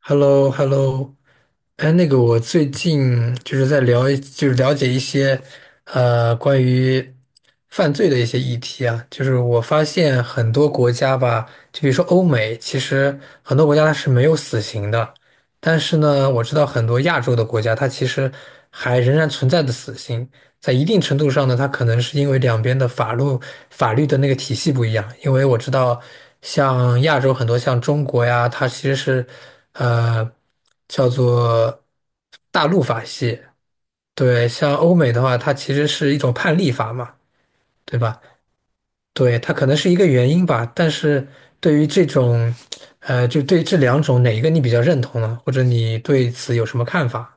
Hello hello 哎，那个，我最近就是在聊一就是了解一些，关于犯罪的一些议题啊。就是我发现很多国家吧，就比如说欧美，其实很多国家它是没有死刑的，但是呢，我知道很多亚洲的国家，它其实还仍然存在的死刑。在一定程度上呢，它可能是因为两边的法律的那个体系不一样。因为我知道，像亚洲很多像中国呀，它其实是呃叫做大陆法系。对，像欧美的话，它其实是一种判例法嘛，对吧？对，它可能是一个原因吧。但是对于这种就对这两种哪一个你比较认同呢？或者你对此有什么看法？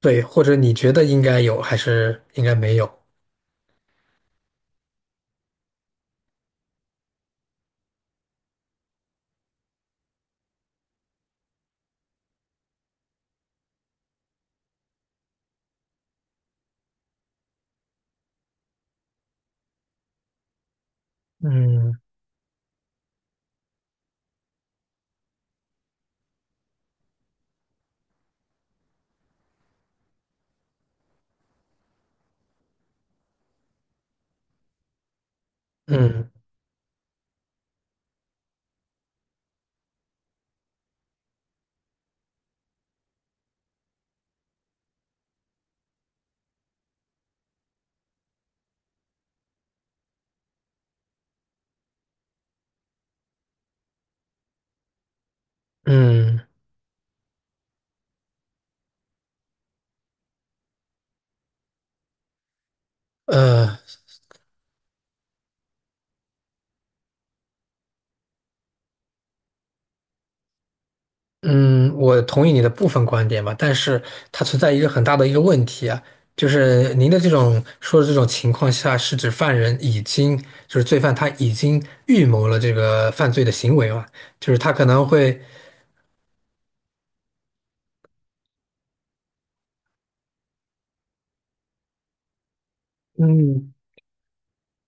对，或者你觉得应该有还是应该没有？嗯。嗯嗯，呃嗯，我同意你的部分观点吧，但是它存在一个很大的一个问题啊，就是您的这种说的这种情况下，是指犯人已经就是罪犯他已经预谋了这个犯罪的行为嘛，就是他可能会。嗯。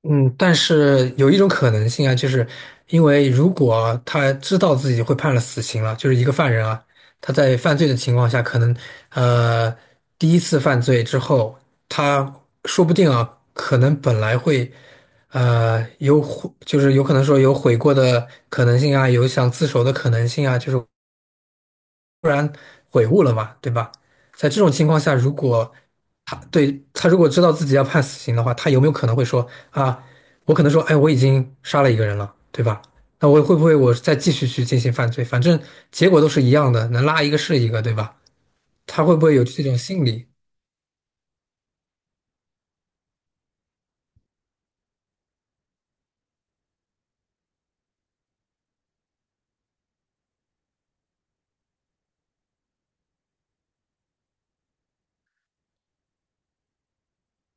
嗯，但是有一种可能性啊，就是因为如果他知道自己会判了死刑了，就是一个犯人啊，他在犯罪的情况下，可能呃第一次犯罪之后，他说不定啊，可能本来会呃有悔，就是有可能说有悔过的可能性啊，有想自首的可能性啊，就是悔悟了嘛，对吧？在这种情况下，对，他如果知道自己要判死刑的话，他有没有可能会说啊，我可能说，哎，我已经杀了一个人了，对吧？那我会不会我再继续去进行犯罪？反正结果都是一样的，能拉一个是一个，对吧？他会不会有这种心理？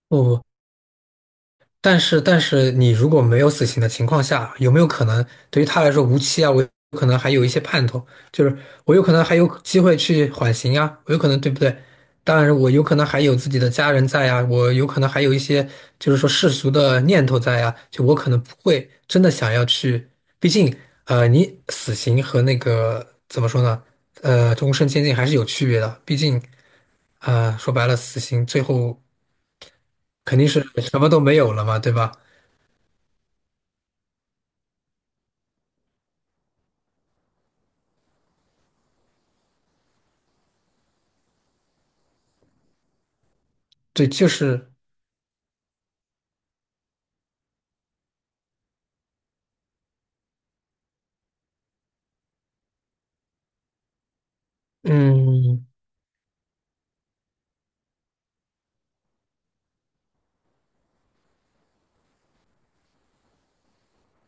不不，但是你如果没有死刑的情况下，有没有可能对于他来说无期啊？我有可能还有一些盼头，就是我有可能还有机会去缓刑啊，我有可能对不对？当然，我有可能还有自己的家人在啊，我有可能还有一些就是说世俗的念头在啊，就我可能不会真的想要去，毕竟你死刑和那个怎么说呢？终身监禁还是有区别的，毕竟说白了，死刑最后肯定是什么都没有了嘛，对吧？对，就是，嗯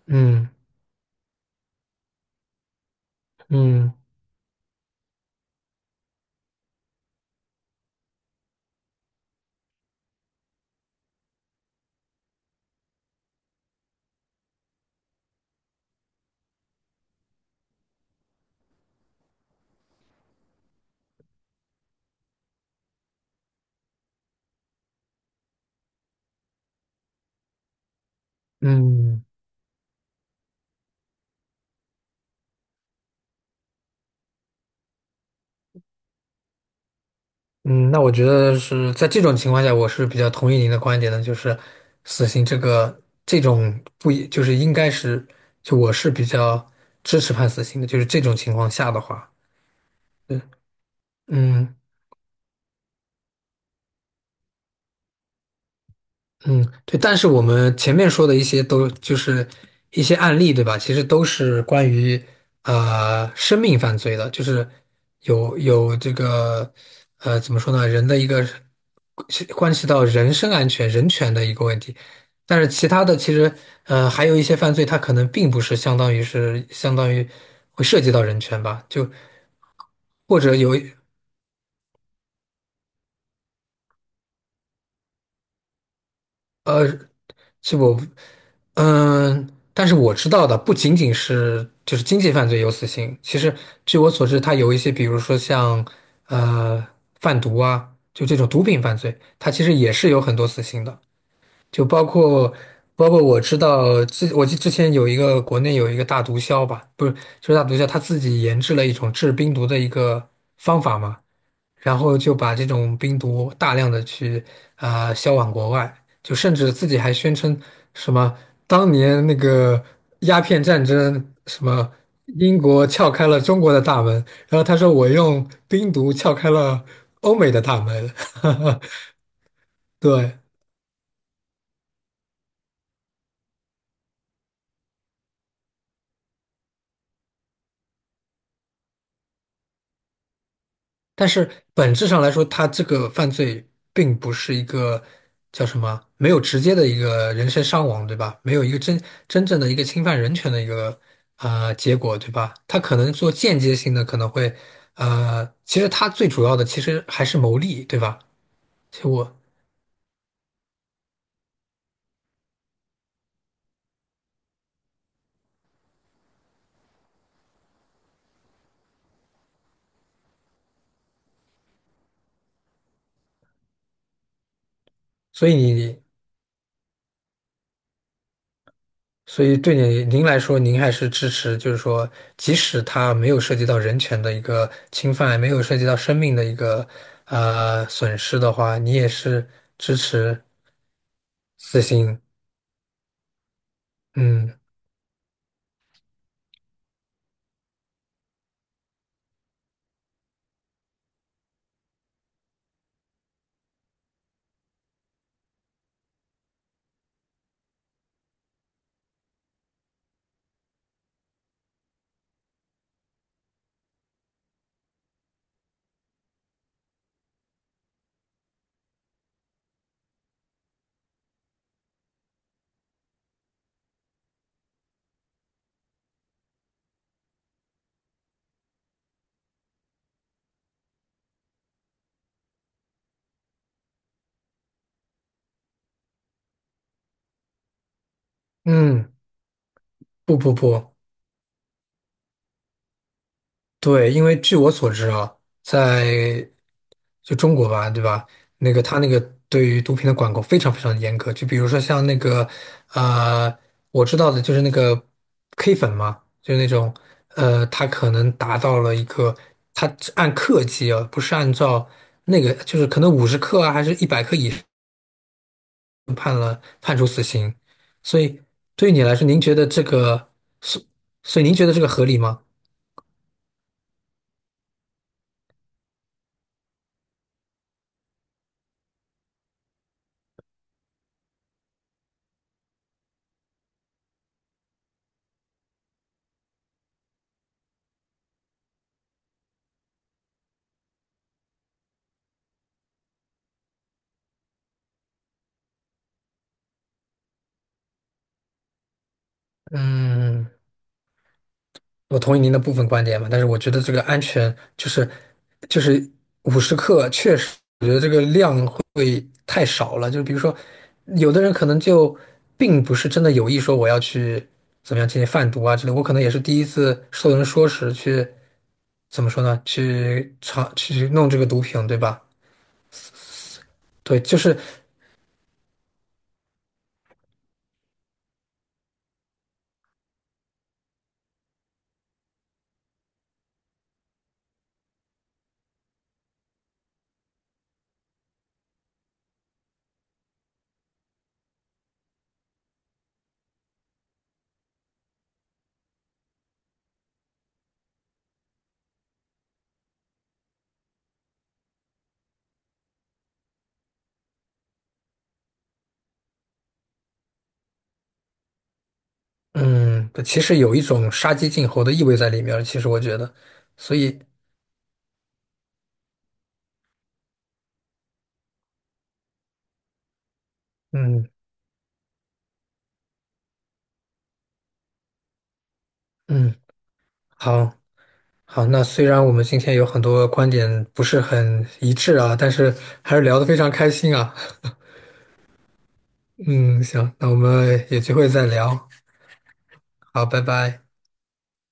嗯嗯嗯嗯，那我觉得是在这种情况下，我是比较同意您的观点的，就是死刑这个这种不一就是应该是，就我是比较支持判死刑的，就是这种情况下的话，嗯嗯。嗯，对，但是我们前面说的一些都就是一些案例，对吧？其实都是关于生命犯罪的，就是有这个怎么说呢，人的一个关系到人身安全、人权的一个问题。但是其他的其实还有一些犯罪，它可能并不是相当于会涉及到人权吧，就或者有呃是我，嗯，但是我知道的不仅仅是就是经济犯罪有死刑，其实据我所知，它有一些，比如说像呃贩毒啊，就这种毒品犯罪，它其实也是有很多死刑的，就包括我知道之我记之前有一个国内有一个大毒枭吧，不是就是大毒枭他自己研制了一种制冰毒的一个方法嘛。然后就把这种冰毒大量的去啊、销往国外，就甚至自己还宣称什么当年那个鸦片战争，什么英国撬开了中国的大门，然后他说我用冰毒撬开了欧美的大门，对。但是本质上来说，他这个犯罪并不是一个叫什么，没有直接的一个人身伤亡，对吧？没有一个真正的一个侵犯人权的一个结果，对吧？他可能做间接性的，可能会其实他最主要的其实还是牟利，对吧？其实我，所以你。所以对你您来说，您还是支持，就是说，即使它没有涉及到人权的一个侵犯，没有涉及到生命的一个损失的话，你也是支持死刑。嗯嗯，不不不。对，因为据我所知啊，在中国吧，对吧？那个他那个对于毒品的管控非常非常严格，就比如说像那个呃，我知道的就是那个 K 粉嘛，就是那种他可能达到了一个，他按克计啊，不是按照那个，就是可能五十克啊，还是100克以上判处死刑。所以对于你来说，您觉得这个，所所以您觉得这个合理吗？嗯。我同意您的部分观点嘛，但是我觉得这个安全就是五十克，确实我觉得这个量会太少了。就比如说，有的人可能就并不是真的有意说我要去怎么样进行贩毒啊之类，我可能也是第一次受人说时去怎么说呢？去弄这个毒品，对吧？对，就是嗯，其实有一种杀鸡儆猴的意味在里面儿其实我觉得，所以嗯嗯，好。好，那虽然我们今天有很多观点不是很一致啊，但是还是聊得非常开心啊。嗯，行，那我们有机会再聊。好，拜拜。